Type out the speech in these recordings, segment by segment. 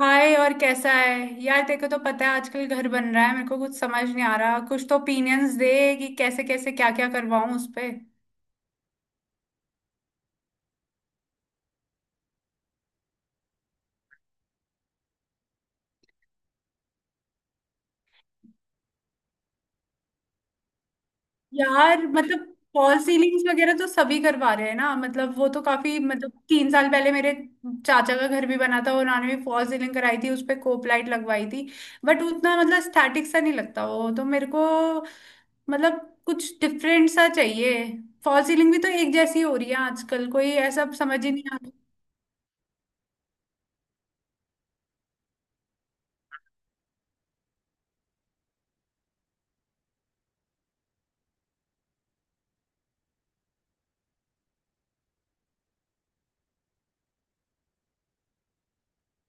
हाय, और कैसा है? यार, तेरे को तो पता है आजकल घर बन रहा है। मेरे को कुछ समझ नहीं आ रहा, कुछ तो ओपिनियंस दे कि कैसे कैसे क्या क्या करवाऊं उस पे। यार, मतलब फॉल सीलिंग्स वगैरह तो सभी करवा रहे हैं ना, मतलब वो तो काफी, मतलब 3 साल पहले मेरे चाचा का घर भी बना था, उन्होंने भी फॉल सीलिंग कराई थी, उस पे कोप लाइट लगवाई थी। बट उतना मतलब स्टैटिक सा नहीं लगता वो तो मेरे को। मतलब कुछ डिफरेंट सा चाहिए। फॉल सीलिंग भी तो एक जैसी हो रही है आजकल, कोई ऐसा समझ ही नहीं आ रहा।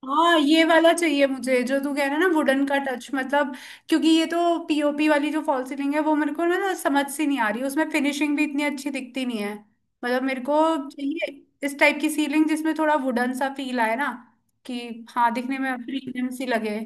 हाँ, ये वाला चाहिए मुझे, जो तू कह रहा है ना, वुडन का टच, मतलब क्योंकि ये तो पीओपी वाली जो फॉल सीलिंग है वो मेरे को ना समझ सी नहीं आ रही, उसमें फिनिशिंग भी इतनी अच्छी दिखती नहीं है। मतलब मेरे को चाहिए इस टाइप की सीलिंग जिसमें थोड़ा वुडन सा फील आए ना कि। हाँ, दिखने में प्रीमियम सी लगे।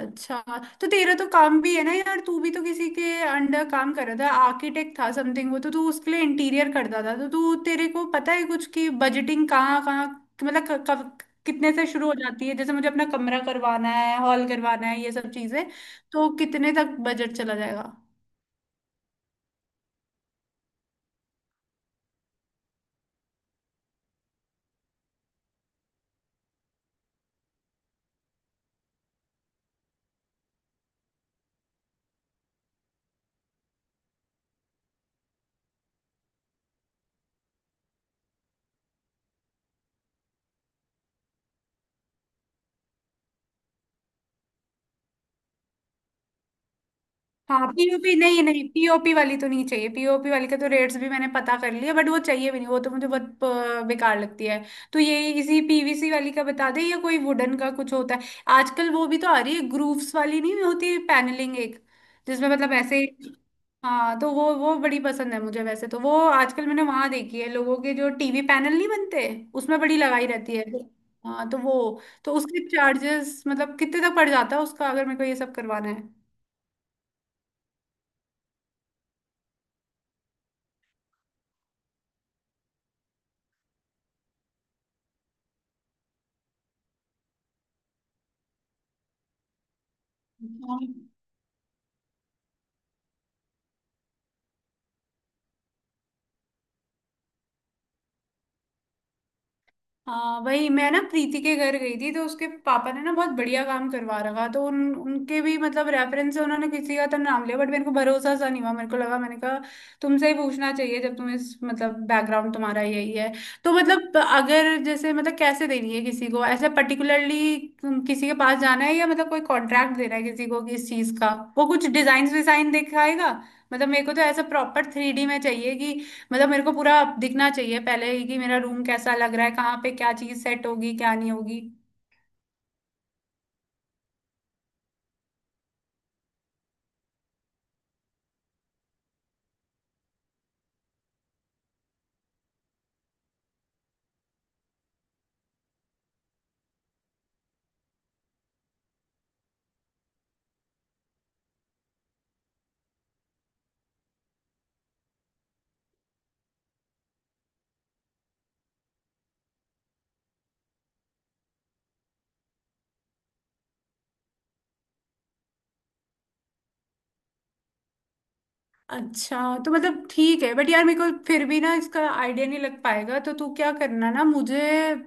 अच्छा, तो तेरा तो काम भी है ना यार, तू भी तो किसी के अंडर काम कर रहा था, आर्किटेक्ट था समथिंग, वो तो तू उसके लिए इंटीरियर करता था, तो तू तेरे को पता है कुछ कि बजटिंग कहाँ कहाँ, मतलब कब कितने से शुरू हो जाती है? जैसे मुझे अपना कमरा करवाना है, हॉल करवाना है, ये सब चीजें, तो कितने तक बजट चला जाएगा? हाँ पीओपी, नहीं नहीं, पीओपी वाली तो नहीं चाहिए, पीओपी वाली के तो रेट्स भी मैंने पता कर लिए, बट वो चाहिए भी नहीं, वो तो मुझे बहुत बेकार लगती है। तो ये इसी पीवीसी वाली का बता दे, या कोई वुडन का कुछ होता है आजकल वो भी तो आ रही है, ग्रूव्स वाली नहीं होती पैनलिंग एक, जिसमें मतलब ऐसे। हाँ तो वो बड़ी पसंद है मुझे, वैसे तो वो आजकल मैंने वहां देखी है लोगों के, जो टीवी पैनल नहीं बनते उसमें बड़ी लगाई रहती है। हाँ तो वो तो उसके चार्जेस मतलब कितने तक पड़ जाता है उसका, अगर मेरे को ये सब करवाना है? हाँ। हाँ, वही मैं ना प्रीति के घर गई थी, तो उसके पापा ने ना बहुत बढ़िया काम करवा रखा, तो उन उनके भी मतलब रेफरेंस से उन्होंने किसी का तो नाम लिया, बट मेरे को भरोसा सा नहीं हुआ, मेरे को लगा, मैंने कहा तुमसे ही पूछना चाहिए, जब तुम इस मतलब बैकग्राउंड तुम्हारा यही है। तो मतलब अगर जैसे, मतलब कैसे देनी है किसी को ऐसे पर्टिकुलरली, किसी के पास जाना है या मतलब कोई कॉन्ट्रैक्ट देना है किसी को किस चीज का? वो कुछ डिजाइन विजाइन दिखाएगा? मतलब मेरे को तो ऐसा प्रॉपर 3D में चाहिए कि, मतलब मेरे को पूरा दिखना चाहिए पहले ही कि मेरा रूम कैसा लग रहा है, कहाँ पे क्या चीज सेट होगी क्या नहीं होगी। अच्छा, तो मतलब ठीक है, बट यार मेरे को फिर भी ना इसका आइडिया नहीं लग पाएगा, तो तू क्या करना ना मुझे,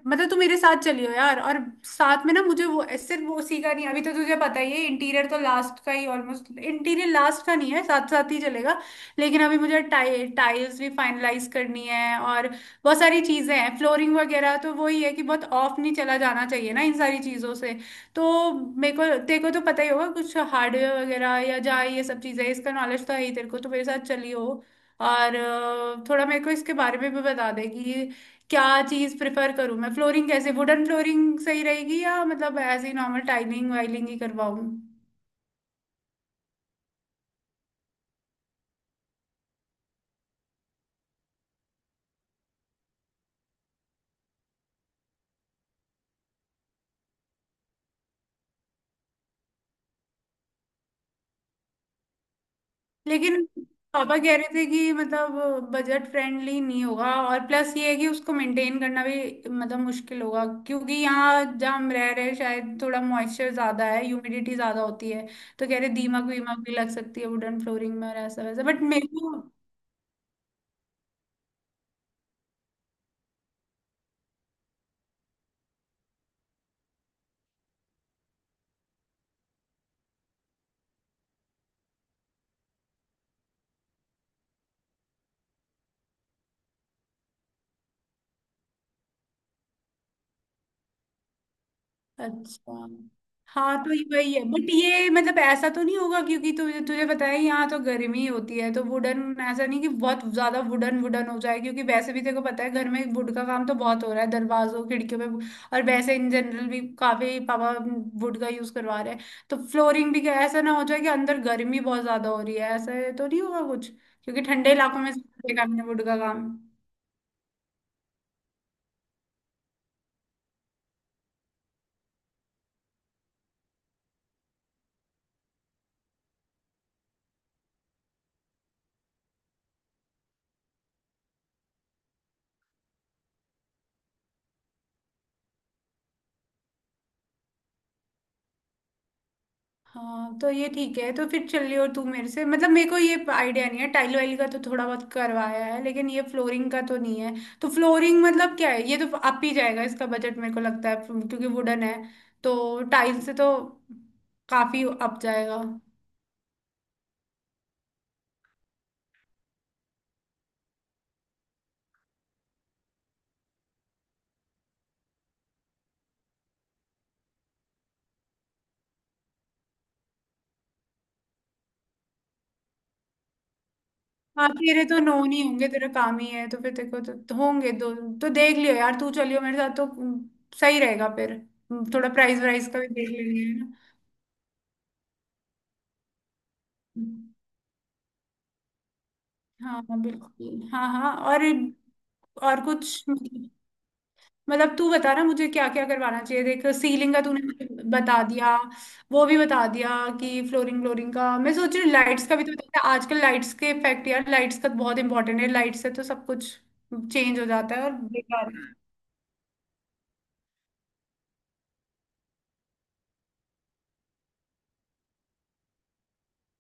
मतलब तू मेरे साथ चलियो यार। और साथ में ना मुझे वो, सिर्फ वो उसी का नहीं, अभी तो तुझे पता ही है, इंटीरियर तो लास्ट का ही, ऑलमोस्ट इंटीरियर लास्ट का नहीं है, साथ साथ ही चलेगा। लेकिन अभी मुझे टाइल्स भी फाइनलाइज करनी है, और बहुत सारी चीजें हैं, फ्लोरिंग वगैरह, तो वही है कि बहुत ऑफ नहीं चला जाना चाहिए ना इन सारी चीजों से। तो मेरे को, तेरे को तो पता ही होगा कुछ हार्डवेयर वगैरह या जहाँ ये सब चीज़ें, इसका नॉलेज तो है ही तेरे को, तो मेरे साथ चली हो और थोड़ा मेरे को इसके बारे में भी बता दे कि क्या चीज़ प्रेफर करूँ मैं? फ्लोरिंग कैसे, वुडन फ्लोरिंग सही रहेगी या मतलब ऐसे ही नॉर्मल टाइलिंग वाइलिंग ही करवाऊँ? लेकिन पापा कह रहे थे कि मतलब बजट फ्रेंडली नहीं होगा, और प्लस ये है कि उसको मेंटेन करना भी मतलब मुश्किल होगा, क्योंकि यहाँ जहाँ हम रह रहे हैं शायद थोड़ा मॉइस्चर ज्यादा है, ह्यूमिडिटी ज्यादा होती है। तो कह रहे दीमक वीमक भी लग सकती है वुडन फ्लोरिंग में और ऐसा वैसा, बट मेरे को। अच्छा। हाँ तो ये वही है, बट ये मतलब ऐसा तो नहीं होगा क्योंकि तुझे तुझे पता है यहाँ तो गर्मी होती है तो वुडन, ऐसा नहीं कि बहुत ज्यादा वुडन वुडन हो जाए, क्योंकि वैसे भी तेरे को पता है घर में वुड का काम तो बहुत हो रहा है दरवाजों खिड़कियों पे। और वैसे इन जनरल भी काफी पापा वुड का यूज करवा रहे हैं, तो फ्लोरिंग भी क्या ऐसा ना हो जाए कि अंदर गर्मी बहुत ज्यादा हो रही है? ऐसा तो नहीं होगा कुछ, क्योंकि ठंडे इलाकों में सबसे काम है वुड का काम। हाँ तो ये ठीक है, तो फिर चल। और तू मेरे से, मतलब मेरे को ये आइडिया नहीं है, टाइल वाइल का तो थोड़ा बहुत करवाया है, लेकिन ये फ्लोरिंग का तो नहीं है। तो फ्लोरिंग मतलब क्या है? ये तो अप ही जाएगा इसका बजट मेरे को लगता है, क्योंकि वुडन है तो टाइल से तो काफी अप जाएगा। हाँ, तेरे तो नो नहीं होंगे, तेरा काम ही है, तो फिर तेरे को तो होंगे दो। तो देख लियो यार, तू चलियो मेरे साथ तो सही रहेगा, फिर थोड़ा प्राइस वाइज का भी देख लेंगे, है ना? हाँ हाँ, बिल्कुल, हाँ हाँ। और कुछ मतलब तू बता ना मुझे, क्या क्या करवाना चाहिए? देख, सीलिंग का तूने मुझे बता दिया, वो भी बता दिया, कि फ्लोरिंग, फ्लोरिंग का मैं सोच रही हूँ। लाइट्स का भी तो बता, आजकल लाइट्स के इफेक्ट यार, लाइट्स का तो बहुत इंपॉर्टेंट है, लाइट से तो सब कुछ चेंज हो जाता है, और बेकार।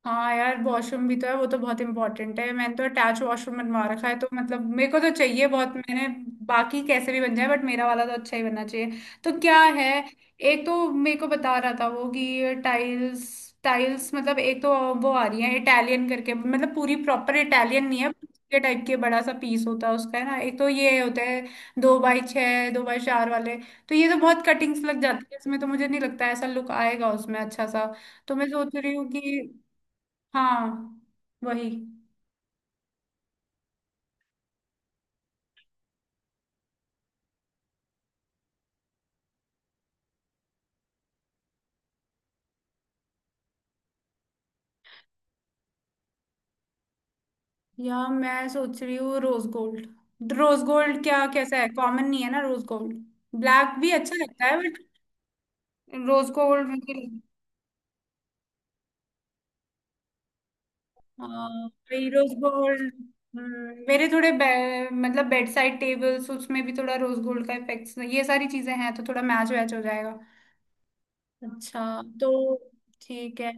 हाँ यार, वॉशरूम भी तो है, वो तो बहुत इंपॉर्टेंट है, मैंने तो अटैच वॉशरूम बनवा रखा है, तो मतलब मेरे को तो चाहिए बहुत, मैंने बाकी कैसे भी बन जाए, बट मेरा वाला तो अच्छा ही बनना चाहिए। तो क्या है, एक तो मेरे को बता रहा था वो कि टाइल्स टाइल्स, मतलब एक तो वो आ रही है इटालियन करके, मतलब पूरी प्रॉपर इटालियन नहीं है, के टाइप के बड़ा सा पीस होता है उसका, है ना? एक तो ये होता है दो बाई छः, दो बाई चार वाले, तो ये तो बहुत कटिंग्स लग जाती है इसमें तो, मुझे नहीं लगता ऐसा लुक आएगा उसमें अच्छा सा। तो मैं सोच रही हूँ कि हाँ वही। यार मैं सोच रही हूँ, रोज गोल्ड, रोज गोल्ड क्या कैसा है? कॉमन नहीं है ना रोज गोल्ड? ब्लैक भी अच्छा लगता है, बट रोज गोल्ड मुझे- हाँ, वही रोज गोल्ड। मेरे मतलब बेड साइड टेबल्स उसमें भी थोड़ा रोज गोल्ड का इफेक्ट्स, ये सारी चीजें हैं, तो थोड़ा मैच वैच हो जाएगा। अच्छा, तो ठीक है।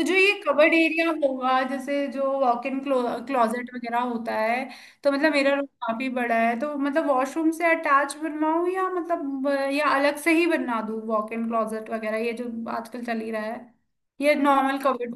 तो जो ये कबर्ड एरिया होगा, जैसे जो वॉक इन क्लोजेट वगैरह होता है, तो मतलब मेरा रूम काफी बड़ा है, तो मतलब वॉशरूम से अटैच बनवाऊं या मतलब या अलग से ही बनवा दूं, वॉक इन क्लोजेट वगैरह ये जो आजकल चल ही रहा है, ये नॉर्मल कबर्ड,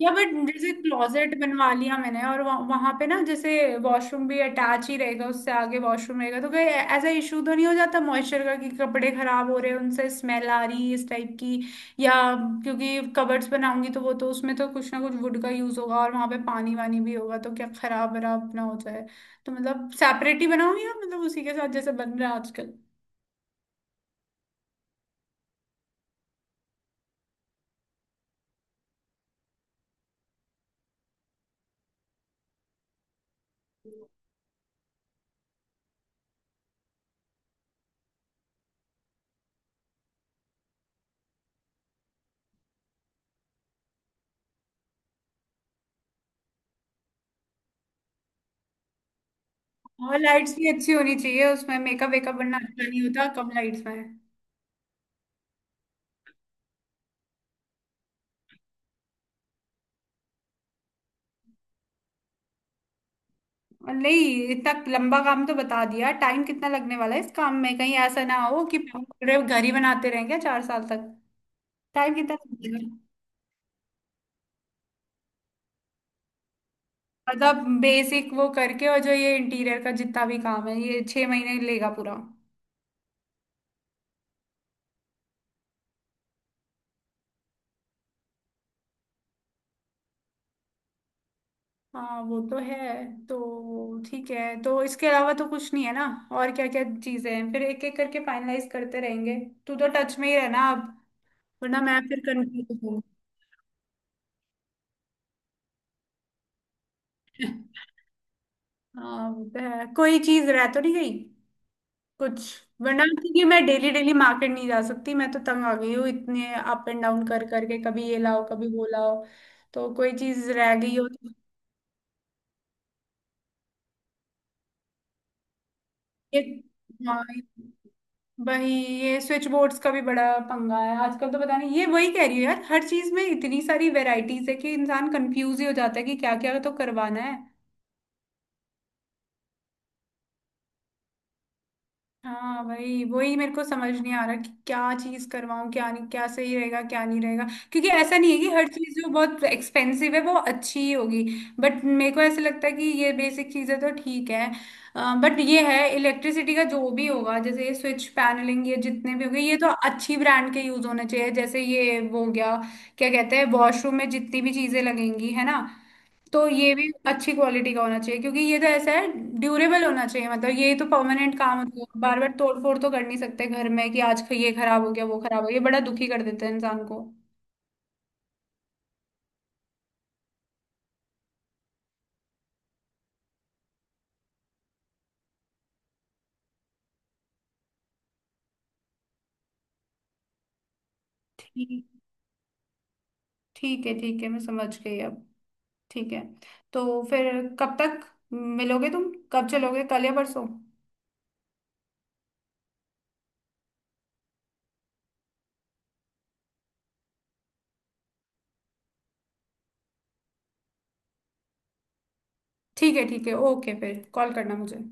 या बट जैसे क्लोजेट बनवा लिया मैंने और वहां पे ना जैसे वॉशरूम भी अटैच ही रहेगा, उससे आगे वॉशरूम रहेगा, तो कोई ऐसा इशू तो नहीं हो जाता मॉइस्चर का कि कपड़े खराब हो रहे हैं उनसे स्मेल आ रही है इस टाइप की? या क्योंकि कबर्ड्स बनाऊंगी तो वो तो उसमें तो कुछ ना कुछ वुड का यूज होगा, और वहां पे पानी वानी भी होगा, तो क्या खराब वराब ना हो जाए? तो मतलब सेपरेट ही बनाऊंगी या मतलब उसी के साथ जैसे बन रहा है आजकल? और लाइट्स भी अच्छी होनी चाहिए उसमें, मेकअप वेकअप बनना अच्छा नहीं होता कम लाइट्स में। नहीं, इतना लंबा काम तो बता दिया, टाइम कितना लगने वाला है इस काम में? कहीं ऐसा ना हो कि पूरे घर ही बनाते रहेंगे 4 साल तक। टाइम कितना लगेगा? मतलब बेसिक वो करके और जो ये इंटीरियर का जितना भी काम है, ये 6 महीने लेगा पूरा? हाँ, वो तो है। तो ठीक है, तो इसके अलावा तो कुछ नहीं है ना? और क्या क्या चीजें हैं, फिर एक एक करके फाइनलाइज करते रहेंगे। तू तो टच में ही रहना अब, वरना मैं फिर कंफ्यूज हूँ। हाँ, वो तो है। कोई चीज रह तो नहीं गई कुछ, वरना क्योंकि मैं डेली डेली मार्केट नहीं जा सकती, मैं तो तंग आ गई हूँ इतने अप एंड डाउन कर करके, कभी ये लाओ कभी वो लाओ। तो कोई चीज रह गई हो तो? ये हाँ, वही, ये स्विच बोर्ड्स का भी बड़ा पंगा है आजकल, तो पता नहीं, ये वही कह रही हूँ यार, हर चीज में इतनी सारी वेराइटीज है कि इंसान कंफ्यूज ही हो जाता है कि क्या क्या तो करवाना है। हाँ वही वही मेरे को समझ नहीं आ रहा कि क्या चीज करवाऊँ क्या नहीं, क्या सही रहेगा क्या नहीं रहेगा, क्योंकि ऐसा नहीं है कि हर चीज जो बहुत एक्सपेंसिव है वो अच्छी ही होगी। बट मेरे को ऐसा लगता है कि ये बेसिक चीजें तो ठीक है, बट ये है इलेक्ट्रिसिटी का जो भी होगा, जैसे ये स्विच पैनलिंग, ये जितने भी हो गए, ये तो अच्छी ब्रांड के यूज होने चाहिए। जैसे ये वो हो गया क्या कहते हैं, वॉशरूम में जितनी भी चीजें लगेंगी है ना, तो ये भी अच्छी क्वालिटी का होना चाहिए, क्योंकि ये तो ऐसा है, ड्यूरेबल होना चाहिए, मतलब ये तो परमानेंट काम होता है, बार बार तोड़ फोड़ तो कर नहीं सकते घर में कि आज ये खराब हो गया वो खराब हो गया, बड़ा दुखी कर देता है इंसान को। ठीक, ठीक है, ठीक है, मैं समझ गई अब। ठीक है, तो फिर कब तक मिलोगे तुम, कब चलोगे कल या परसों? ठीक है ठीक है, ओके, फिर कॉल करना मुझे।